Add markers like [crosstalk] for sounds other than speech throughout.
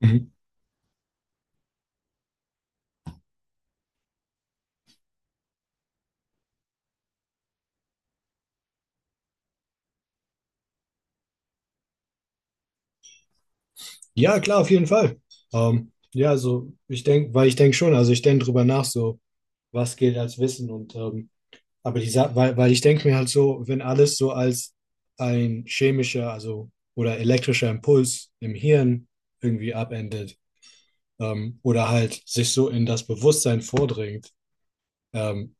Mhm. Ja, klar, auf jeden Fall. Ja, so, ich denke, weil ich denke schon, also ich denke drüber nach, so, was gilt als Wissen und, aber weil ich denke mir halt so, wenn alles so als ein chemischer, also, oder elektrischer Impuls im Hirn irgendwie abendet, oder halt sich so in das Bewusstsein vordringt, ähm,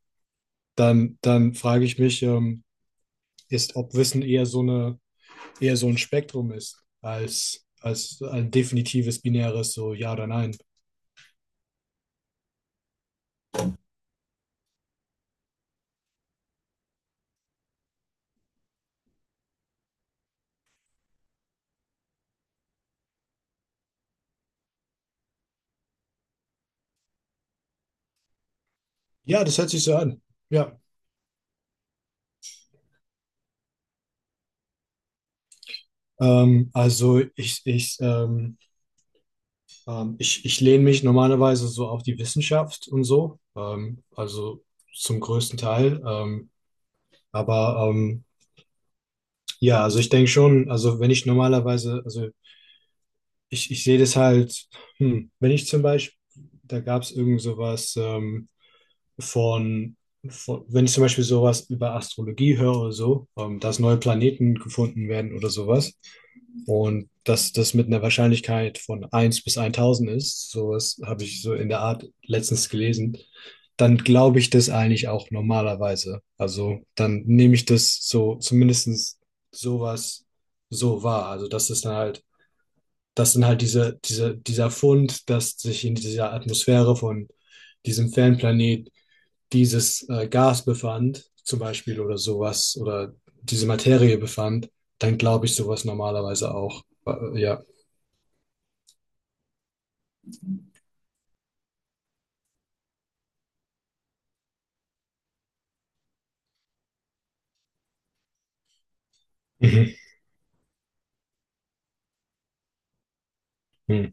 dann frage ich mich, ob Wissen eher so ein Spektrum ist, als ein definitives binäres, so ja oder nein. Ja, das hört sich so an. Ja. Also ich lehne mich normalerweise so auf die Wissenschaft und so. Also zum größten Teil. Aber ja, also ich denke schon, also wenn ich normalerweise, also ich sehe das halt, wenn ich zum Beispiel, da gab es irgend sowas, von, von, wenn ich zum Beispiel sowas über Astrologie höre oder so, dass neue Planeten gefunden werden oder sowas und dass das mit einer Wahrscheinlichkeit von eins bis 1000 ist, sowas habe ich so in der Art letztens gelesen, dann glaube ich das eigentlich auch normalerweise. Also dann nehme ich das so zumindest sowas so wahr. Also dass es dann halt das sind halt dieser Fund, dass sich in dieser Atmosphäre von diesem Fernplanet dieses Gas befand, zum Beispiel oder sowas, oder diese Materie befand, dann glaube ich sowas normalerweise auch. Ja. Mhm. Mhm.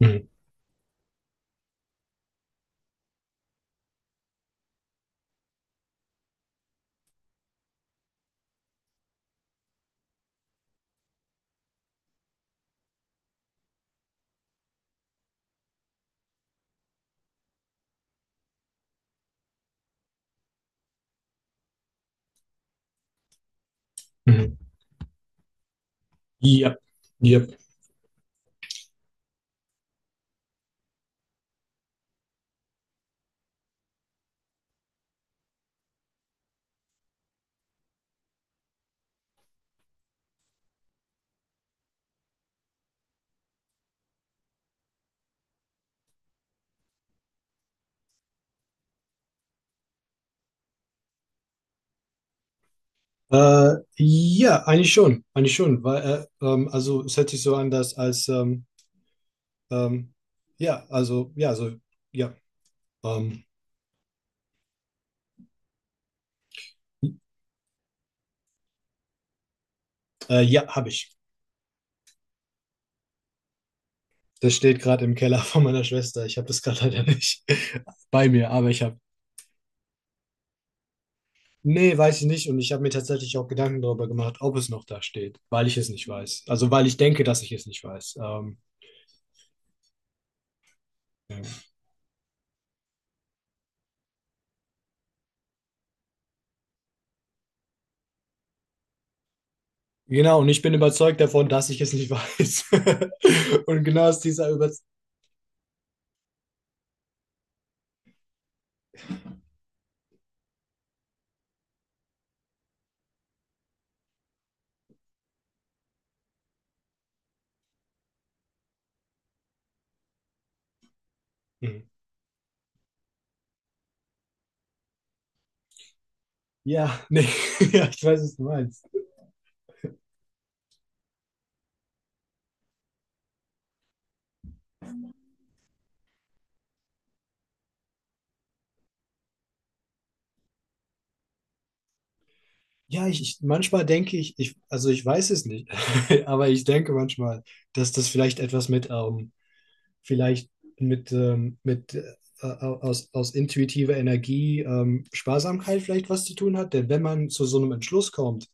Mhm. Mhm. Ja. Ja. Ja, eigentlich schon, weil also es hört sich so an, dass als ähm, ja, also ja, also ja, ähm, ja, habe ich. Das steht gerade im Keller von meiner Schwester. Ich habe das gerade leider nicht [laughs] bei mir, aber ich habe. Nee, weiß ich nicht. Und ich habe mir tatsächlich auch Gedanken darüber gemacht, ob es noch da steht, weil ich es nicht weiß. Also, weil ich denke, dass ich es nicht weiß. Genau, und ich bin überzeugt davon, dass ich es nicht weiß. [laughs] Und genau aus dieser Überzeugung. Ja, nee, [laughs] ja, ich weiß, was du meinst. Ja, ich manchmal denke ich, also ich weiß es nicht, [laughs] aber ich denke manchmal, dass das vielleicht etwas mit vielleicht mit aus intuitiver Energie Sparsamkeit vielleicht was zu tun hat. Denn wenn man zu so einem Entschluss kommt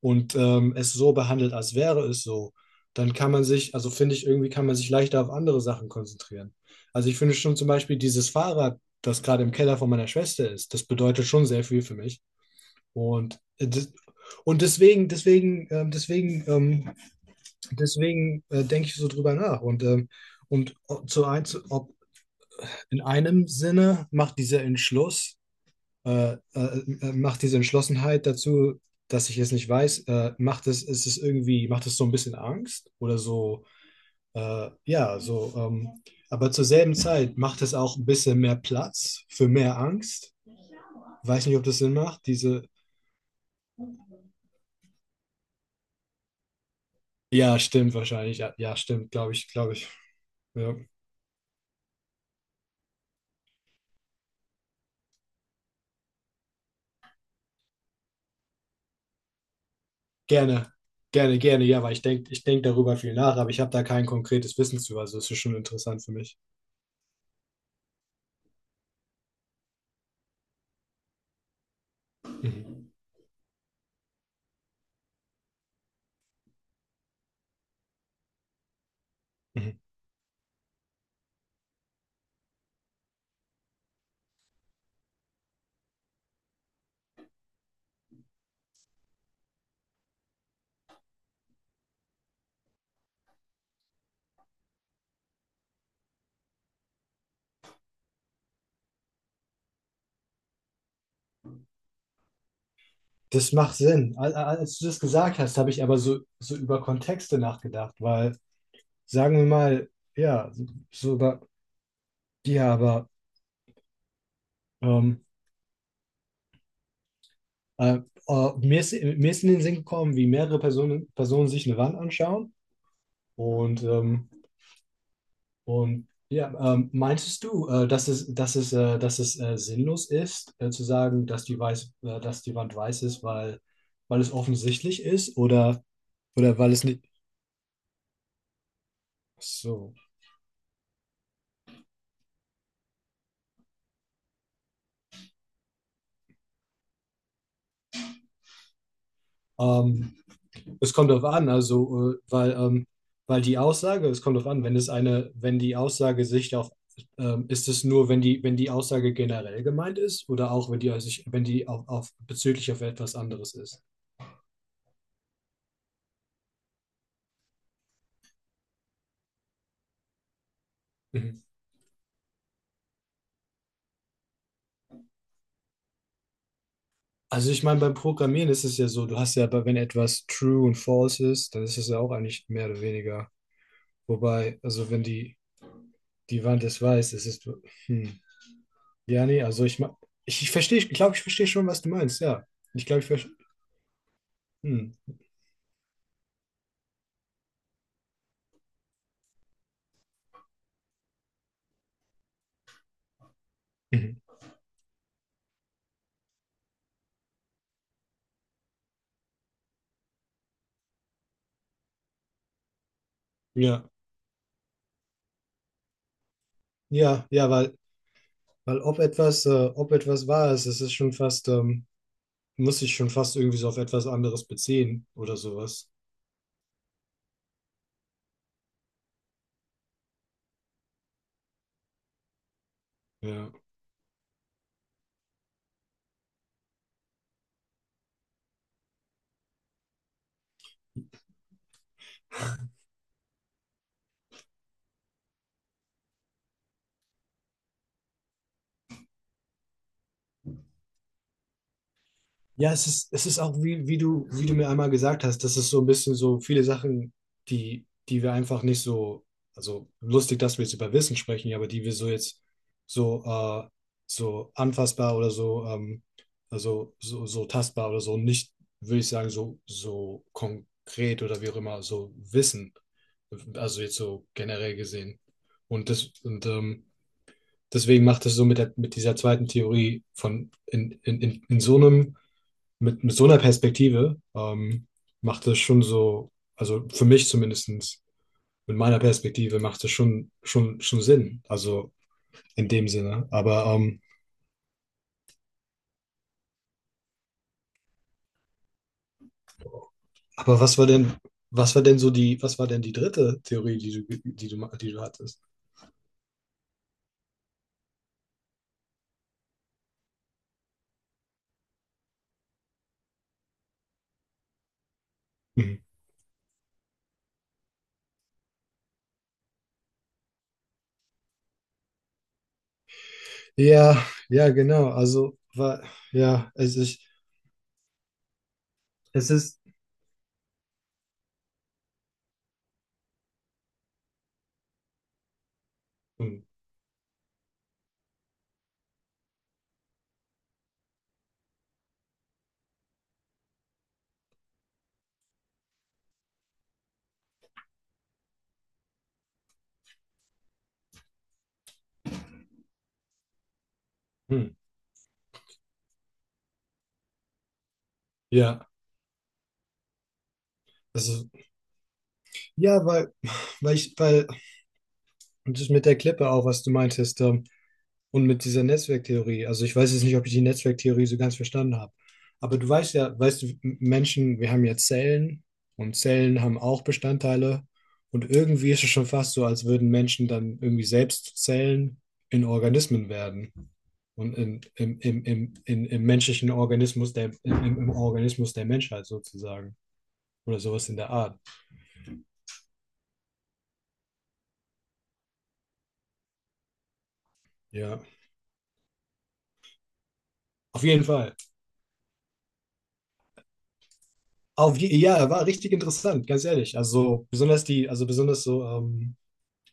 und es so behandelt, als wäre es so, dann kann man sich, also finde ich, irgendwie kann man sich leichter auf andere Sachen konzentrieren. Also ich finde schon zum Beispiel dieses Fahrrad, das gerade im Keller von meiner Schwester ist, das bedeutet schon sehr viel für mich. Und, äh, das- und deswegen, denke ich so drüber nach. Und zu eins, ob in einem Sinne macht dieser Entschluss, macht diese Entschlossenheit dazu, dass ich es nicht weiß, macht es, ist es irgendwie, macht es so ein bisschen Angst oder so, ja, so, aber zur selben Zeit macht es auch ein bisschen mehr Platz für mehr Angst. Weiß nicht, ob das Sinn macht. Ja, stimmt wahrscheinlich, ja, ja stimmt, glaube ich, ja. Gerne, gerne, gerne, ja, weil ich denk darüber viel nach, aber ich habe da kein konkretes Wissen zu, also es ist schon interessant für mich. Mhm. Mhm. Das macht Sinn. Als du das gesagt hast, habe ich aber so, über Kontexte nachgedacht, weil sagen wir mal, ja, so über, ja, aber ähm, äh, mir ist in den Sinn gekommen, wie mehrere Personen sich eine Wand anschauen und, ähm, und ja, meintest du, dass es sinnlos ist, zu sagen, dass die Wand weiß ist, weil es offensichtlich ist oder weil es nicht. So. Ähm, Es kommt darauf an, also, weil die Aussage, es kommt darauf an, wenn es eine, wenn die Aussage sich auf, ist es nur, wenn die Aussage generell gemeint ist oder auch, wenn die auf bezüglich auf etwas anderes ist. Mhm. Also ich meine, beim Programmieren ist es ja so, du hast ja, aber wenn etwas true und false ist, dann ist es ja auch eigentlich mehr oder weniger. Wobei, also wenn die Wand es weiß, es ist, hm. Ja, nee, also ich verstehe, ich glaube, ich verstehe schon, was du meinst, ja. Ich glaube, ich verstehe, hm. Mhm. Ja. Ja, ja, weil ob etwas wahr ist, es ist schon fast, muss sich schon fast irgendwie so auf etwas anderes beziehen oder sowas. Ja. Ja, es ist auch, wie du mir einmal gesagt hast, das ist so ein bisschen so viele Sachen, die wir einfach nicht so, also lustig, dass wir jetzt über Wissen sprechen, ja, aber die wir so jetzt so, äh, so anfassbar oder so, also so tastbar oder so nicht, würde ich sagen, so konkret oder wie auch immer, so wissen. Also jetzt so generell gesehen. Und deswegen macht es so mit dieser zweiten Theorie von in so einem mit so einer Perspektive macht es schon so, also für mich zumindest mit meiner Perspektive macht es schon Sinn. Also in dem Sinne. Aber was war denn so die, was war denn die dritte Theorie, die du hattest? Mhm. Ja, ja, genau. Ja, es ist, hm, hm, ja. Also, ja, weil ich, weil, das mit der Klippe auch, was du meintest, Und mit dieser Netzwerktheorie, also ich weiß jetzt nicht, ob ich die Netzwerktheorie so ganz verstanden habe, aber du weißt ja, weißt du, Menschen, wir haben ja Zellen und Zellen haben auch Bestandteile und irgendwie ist es schon fast so, als würden Menschen dann irgendwie selbst Zellen in Organismen werden und in, im, im, im, in, im menschlichen Organismus, der, im, im im Organismus der Menschheit sozusagen oder sowas in der Art. Ja, auf jeden Fall. Ja, war richtig interessant, ganz ehrlich. Also besonders die, also besonders so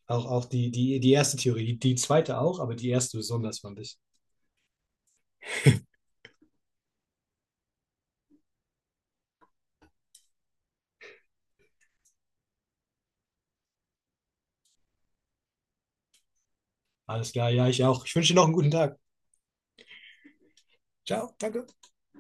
Auch die erste Theorie, die zweite auch, aber die erste besonders fand ich. Alles klar, ja, ich auch. Ich wünsche dir noch einen guten Tag. Ciao, danke.